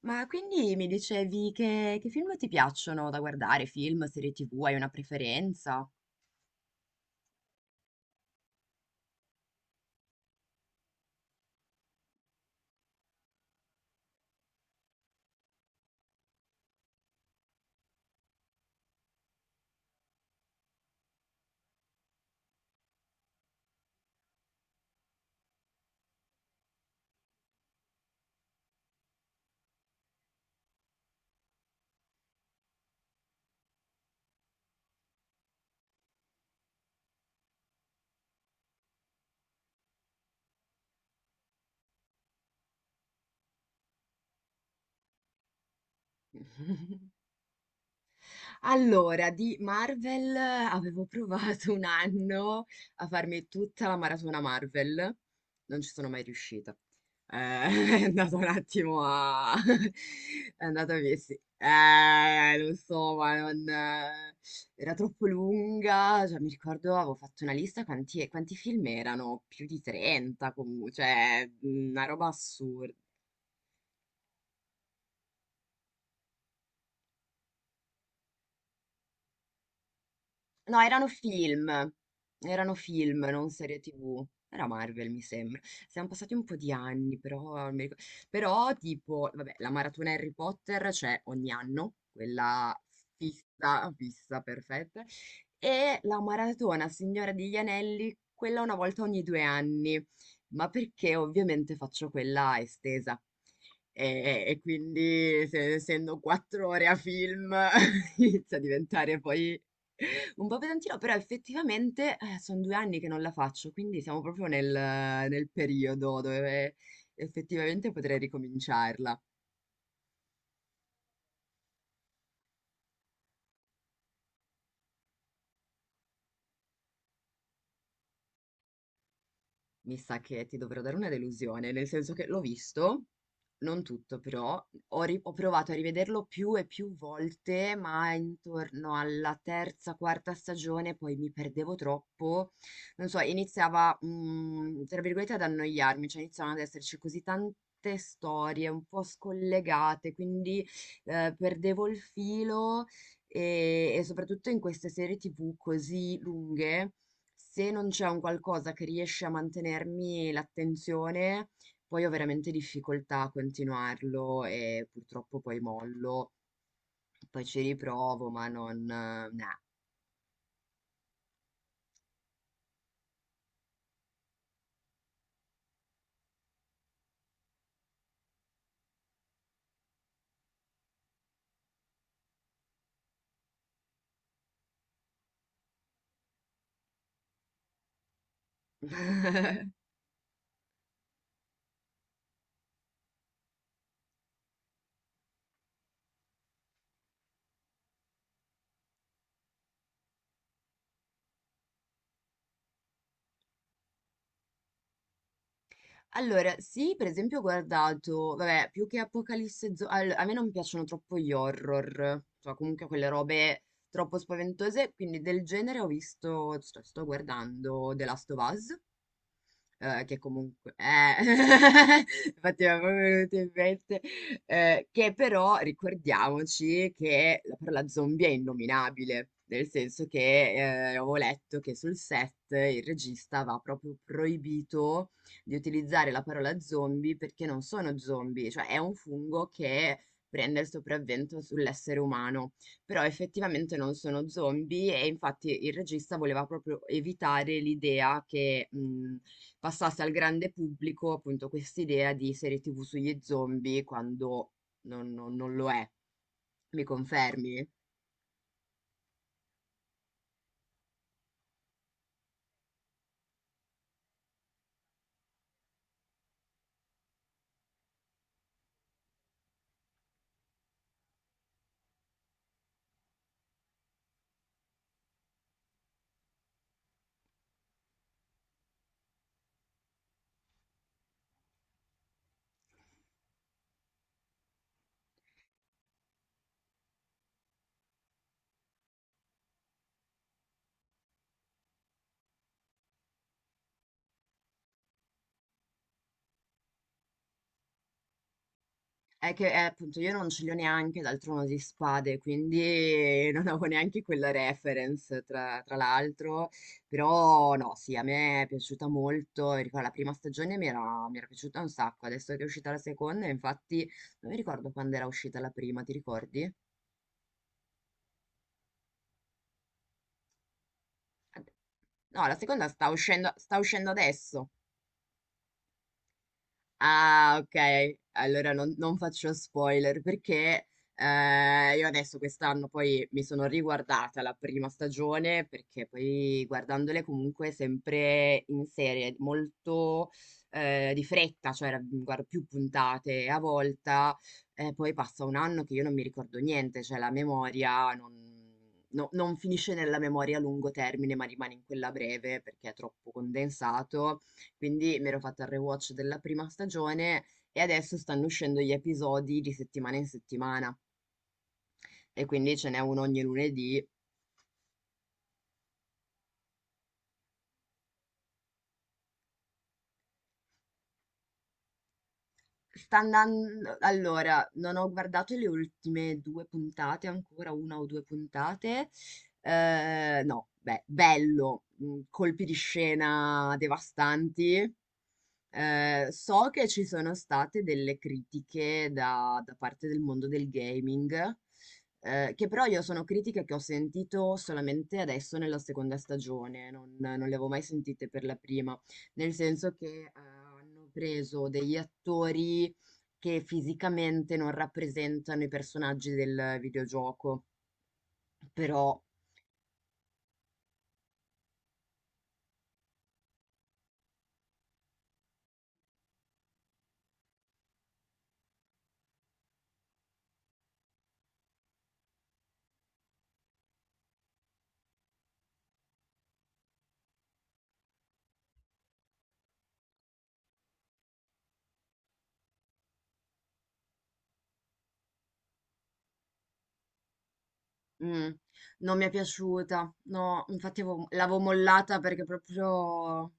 Ma quindi mi dicevi che film ti piacciono da guardare? Film, serie TV, hai una preferenza? Allora, di Marvel avevo provato un anno a farmi tutta la maratona Marvel, non ci sono mai riuscita. Eh, è andato un attimo a... è andato a... sì. Lo so, ma non... era troppo lunga, cioè, mi ricordo avevo fatto una lista quanti film erano, più di 30 comunque, cioè una roba assurda. No, erano film, non serie TV. Era Marvel, mi sembra. Siamo passati un po' di anni, però, non mi ricordo. Però, tipo, vabbè, la maratona Harry Potter c'è ogni anno, quella fissa, fissa, perfetta. E la maratona Signora degli Anelli, quella una volta ogni 2 anni, ma perché ovviamente faccio quella estesa. E quindi, essendo 4 ore a film, inizia a diventare poi un po' pesantino, però effettivamente sono 2 anni che non la faccio, quindi siamo proprio nel periodo dove effettivamente potrei ricominciarla. Mi sa che ti dovrò dare una delusione, nel senso che l'ho visto, non tutto però, ho provato a rivederlo più e più volte, ma intorno alla terza, quarta stagione poi mi perdevo troppo, non so, iniziava, tra virgolette, ad annoiarmi, cioè iniziavano ad esserci così tante storie un po' scollegate, quindi perdevo il filo e soprattutto in queste serie TV così lunghe se non c'è un qualcosa che riesce a mantenermi l'attenzione, poi ho veramente difficoltà a continuarlo e purtroppo poi mollo, poi ci riprovo, ma non... nah. Allora, sì, per esempio ho guardato, vabbè, più che Apocalisse a me non piacciono troppo gli horror, cioè comunque quelle robe troppo spaventose, quindi del genere ho visto, sto guardando The Last of Us. Che comunque infatti mi era proprio venuto in mente, che però ricordiamoci che la parola zombie è innominabile, nel senso che, avevo letto che sul set il regista aveva proprio proibito di utilizzare la parola zombie perché non sono zombie, cioè è un fungo che prende il sopravvento sull'essere umano, però effettivamente non sono zombie e infatti il regista voleva proprio evitare l'idea che passasse al grande pubblico appunto quest'idea di serie TV sugli zombie quando non lo è. Mi confermi? È che, appunto, io non ce li ho neanche dal Trono di Spade, quindi non avevo neanche quella reference, tra l'altro. Però, no, sì, a me è piaciuta molto. E ricordo, la prima stagione mi era piaciuta un sacco. Adesso che è uscita la seconda, infatti, non mi ricordo quando era uscita la prima, ti ricordi? Ad- No, la seconda sta uscendo adesso. Ah, ok. Allora non faccio spoiler perché io adesso quest'anno poi mi sono riguardata la prima stagione perché poi guardandole comunque sempre in serie, molto di fretta, cioè guardo più puntate a volta, poi passa un anno che io non mi ricordo niente, cioè la memoria non finisce nella memoria a lungo termine, ma rimane in quella breve perché è troppo condensato. Quindi mi ero fatta il rewatch della prima stagione e adesso stanno uscendo gli episodi di settimana in settimana e quindi ce n'è uno ogni lunedì. Sta andando allora, non ho guardato le ultime 2 puntate ancora, 1 o 2 puntate. No, beh, bello, colpi di scena devastanti. So che ci sono state delle critiche da parte del mondo del gaming, che però io sono critiche che ho sentito solamente adesso nella seconda stagione, non le avevo mai sentite per la prima, nel senso che hanno preso degli attori che fisicamente non rappresentano i personaggi del videogioco, però mm, non mi è piaciuta, no, infatti l'avevo mollata perché proprio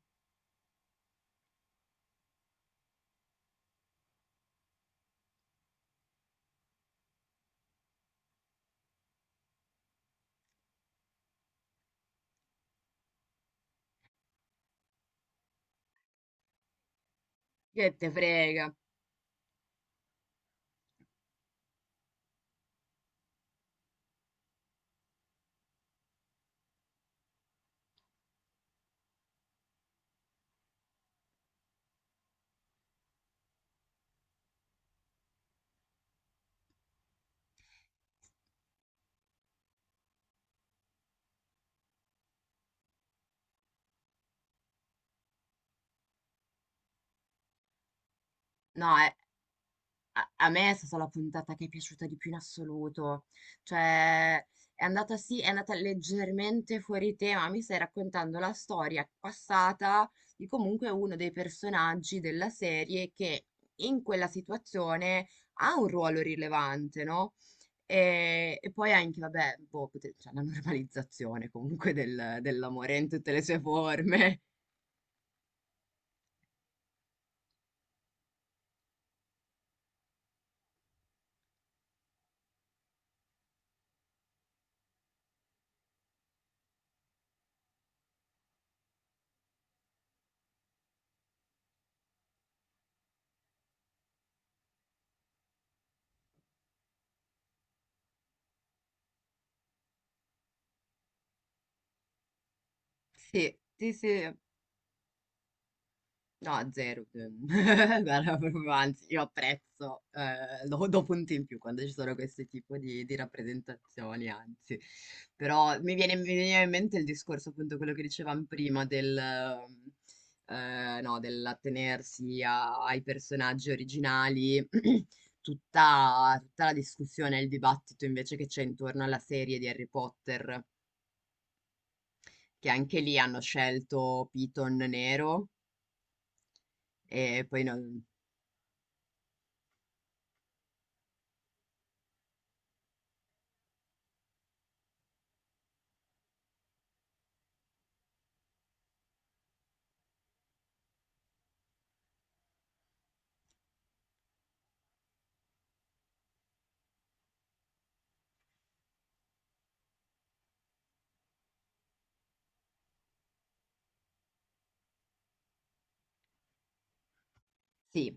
che te frega. No, è, A a me è stata la puntata che è piaciuta di più in assoluto. Cioè, è andata sì, è andata leggermente fuori tema. Mi stai raccontando la storia passata di comunque uno dei personaggi della serie che in quella situazione ha un ruolo rilevante, no? E poi anche, vabbè, boh, cioè, la normalizzazione comunque dell'amore in tutte le sue forme. Sì, sì, sì. No, zero. Guarda, proprio, anzi, io apprezzo, do punti in più quando ci sono questo tipo di rappresentazioni, anzi. Però mi veniva in mente il discorso, appunto, quello che dicevamo prima del, no, dell'attenersi ai personaggi originali, tutta la discussione e il dibattito invece che c'è intorno alla serie di Harry Potter, che anche lì hanno scelto Piton nero e poi non... Sì.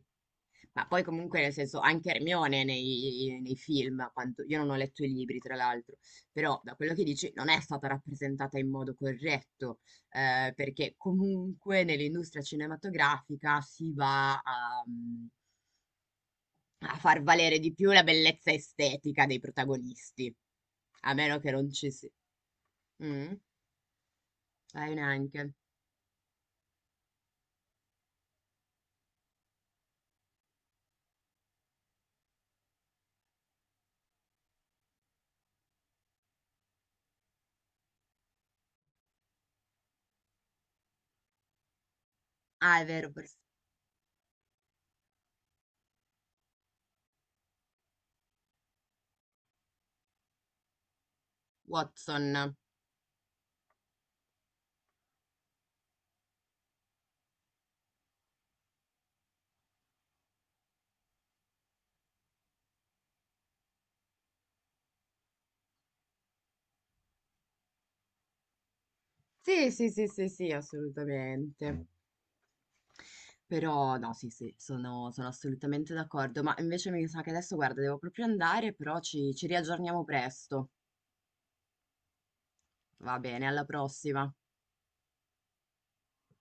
Ma poi comunque nel senso anche Hermione nei film, a quanto, io non ho letto i libri tra l'altro, però da quello che dici non è stata rappresentata in modo corretto, perché comunque nell'industria cinematografica si va a far valere di più la bellezza estetica dei protagonisti, a meno che non ci si... Mm? Neanche. Ah, è vero. Watson. Sì, sì, sì, sì, sì, assolutamente. Però no, sì, sì, sono assolutamente d'accordo. Ma invece mi sa che adesso, guarda, devo proprio andare, però ci riaggiorniamo presto. Va bene, alla prossima.